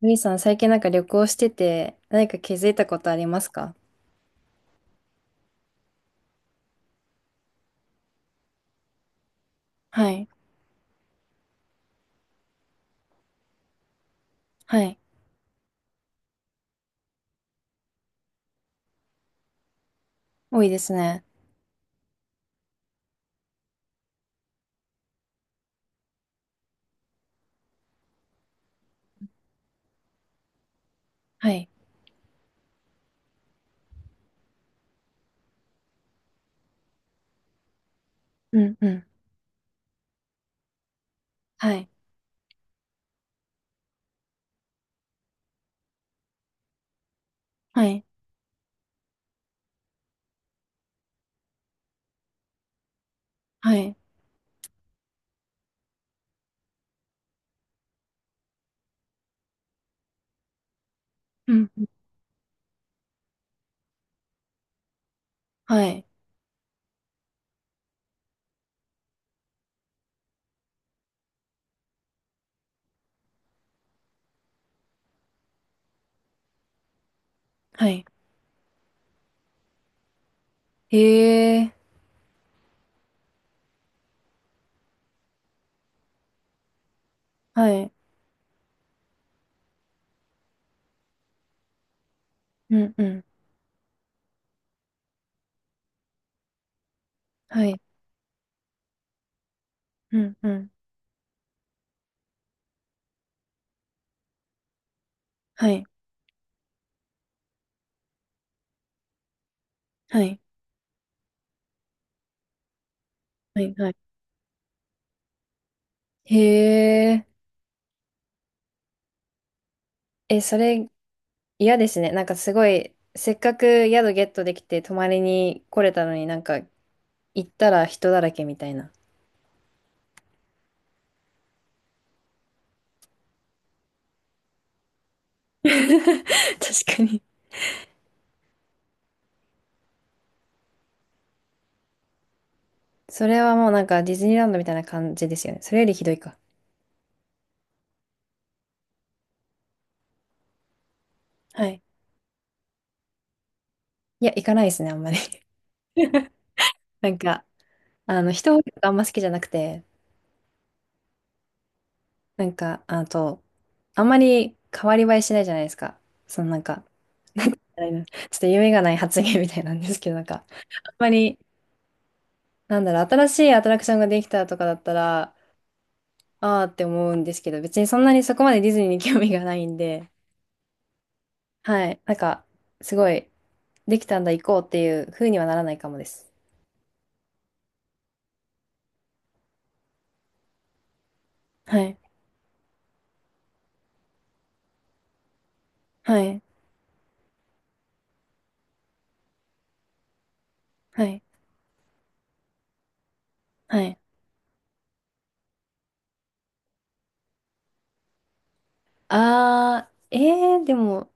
みーさん、最近なんか旅行してて、何か気づいたことありますか？はい。はい。多いですね。はい。うん。うん。はい。はい。はい。うん。うん。はい。はい。へえ、はい。うん。うん。はい。うん。うん。はい。はい。はい。はい。へえ。え、それ嫌ですね。なんかすごい、せっかく宿ゲットできて泊まりに来れたのになんか行ったら人だらけみたいな。確かに。それはもうなんかディズニーランドみたいな感じですよね。それよりひどいか。はい。いや、行かないですね、あんまり。なんか、人多いとこあんま好きじゃなくて、なんか、あと、あんまり変わり映えしないじゃないですか。そのなんか、あれちょっと夢がない発言みたいなんですけど、なんか、あんまり、なんだろう、新しいアトラクションができたとかだったら、あーって思うんですけど、別にそんなにそこまでディズニーに興味がないんで、はい。なんか、すごい、できたんだ、行こうっていう風にはならないかもです。はい。はい。はい。はい。あー、でも、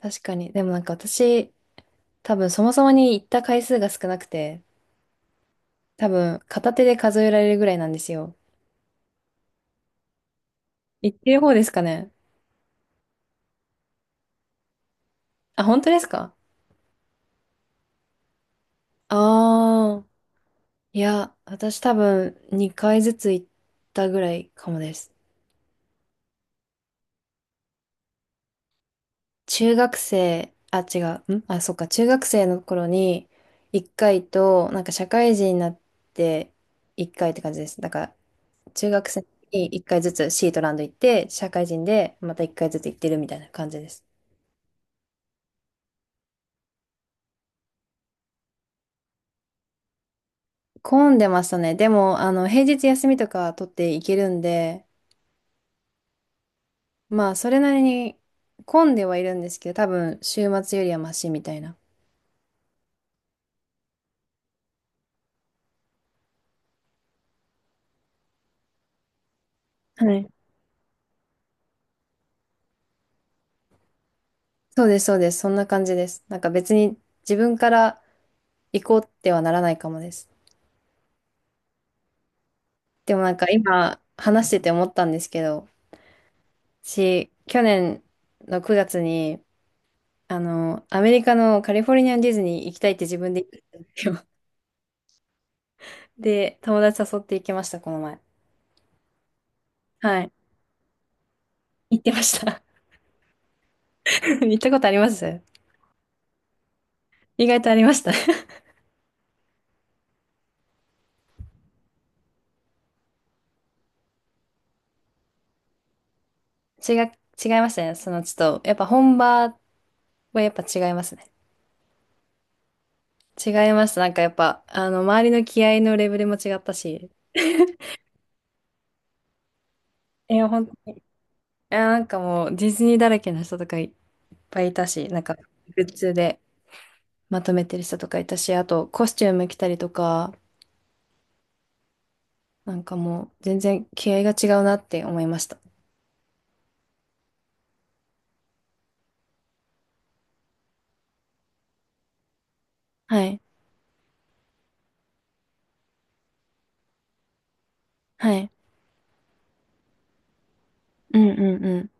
確かに。でもなんか私、多分そもそもに行った回数が少なくて、多分片手で数えられるぐらいなんですよ。行ってる方ですかね。あ、本当ですか？あー、いや、私多分2回ずつ行ったぐらいかもです。中学生、あ、違う。んあ、そっか。中学生の頃に1回と、なんか社会人になって1回って感じです。だから、中学生に1回ずつシートランド行って、社会人でまた1回ずつ行ってるみたいな感じです。混んでましたね。でも、平日休みとか取っていけるんで、まあ、それなりに混んではいるんですけど、多分、週末よりはマシみたいな。はい。そうです、そうです。そんな感じです。なんか別に自分から行こうってはならないかもです。でもなんか今話してて思ったんですけど、私、去年の9月にアメリカのカリフォルニアのディズニー行きたいって自分で言ったんですよ。で、友達誘って行きました、この前。はい。行ってました。行ったことあります？意外とありました。違う、違いましたね。その、ちょっと、やっぱ本場はやっぱ違いますね。違いました。なんかやっぱ、周りの気合のレベルも違ったし。いや、本当に。いや、なんかもう、ディズニーだらけの人とかいっぱいいたし、なんか、グッズでまとめてる人とかいたし、あと、コスチューム着たりとか、なんかもう全然気合が違うなって思いました。はい。はい。うんうんうん。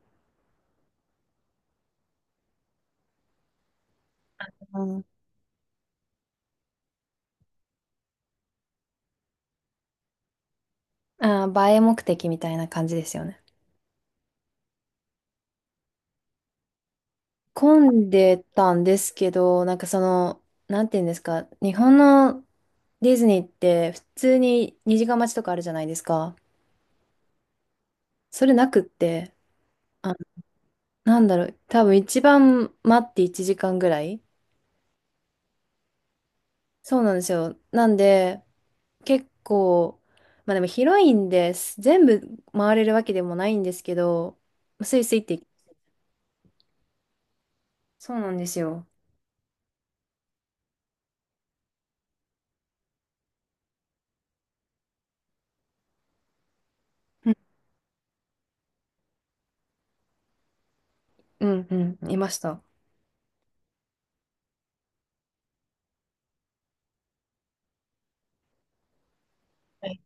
ああ、映え目的みたいな感じですよね。混んでたんですけど、なんかその、なんていうんですか、日本のディズニーって普通に2時間待ちとかあるじゃないですか。それなくって、あ、なんだろう、多分一番待って1時間ぐらい。そうなんですよ。なんで、結構、まあでも広いんです。全部回れるわけでもないんですけど、スイスイって、そうなんですよ。うんうんうん、いました。はい。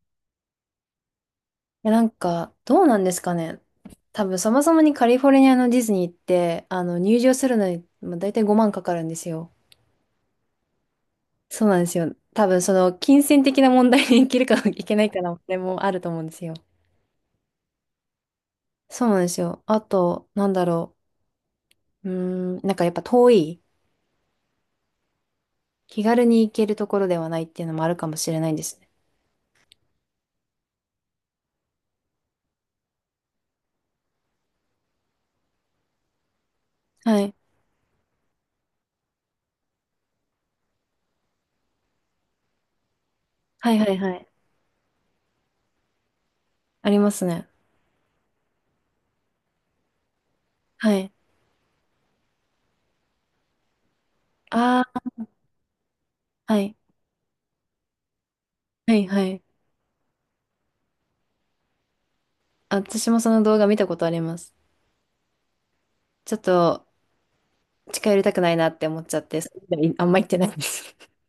え、なんか、どうなんですかね。多分、そもそもにカリフォルニアのディズニーって、入場するのに、まあ、大体5万かかるんですよ。そうなんですよ。多分、その、金銭的な問題にいけるか いけないかな、れもあると思うんですよ。そうなんですよ。あと、なんだろう。うーん、なんかやっぱ遠い。気軽に行けるところではないっていうのもあるかもしれないですね。はい。はいはいはい。ありますね。はい。ああ、はい。はいはい。あ、私もその動画見たことあります。ちょっと近寄りたくないなって思っちゃって、それ以来あんま行ってないんです。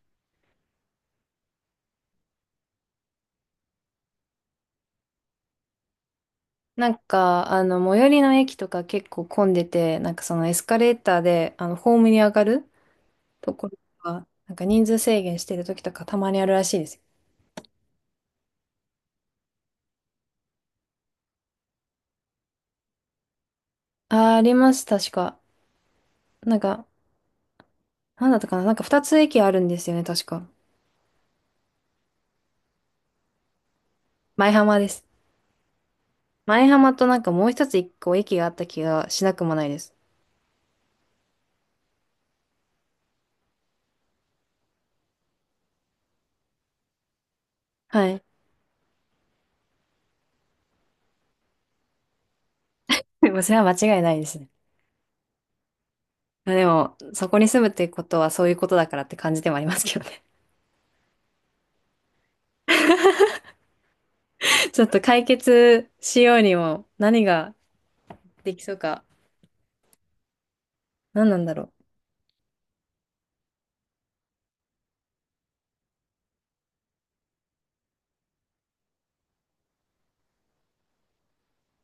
なんか、最寄りの駅とか結構混んでて、なんかそのエスカレーターで、ホームに上がるところとか、なんか人数制限してる時とかたまにあるらしいです。あー、あります、確か。なんか、なんだったかな、なんか2つ駅あるんですよね、確か。前浜です。前浜となんかもう一つ一個駅があった気がしなくもないです。はい。でもそれは間違いないですね。まあでも、そこに住むってことはそういうことだからって感じでもありますけどね。ちょっと解決しようにも何ができそうか。何なんだろ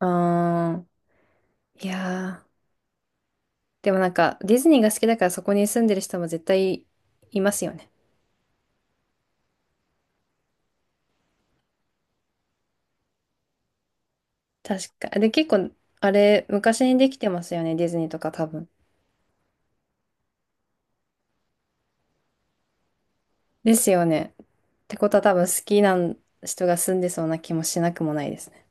う。あー、いやー。でもなんかディズニーが好きだからそこに住んでる人も絶対いますよね。確か。で、結構、あれ、昔にできてますよね。ディズニーとか多分。ですよね。ってことは多分好きな人が住んでそうな気もしなくもないですね。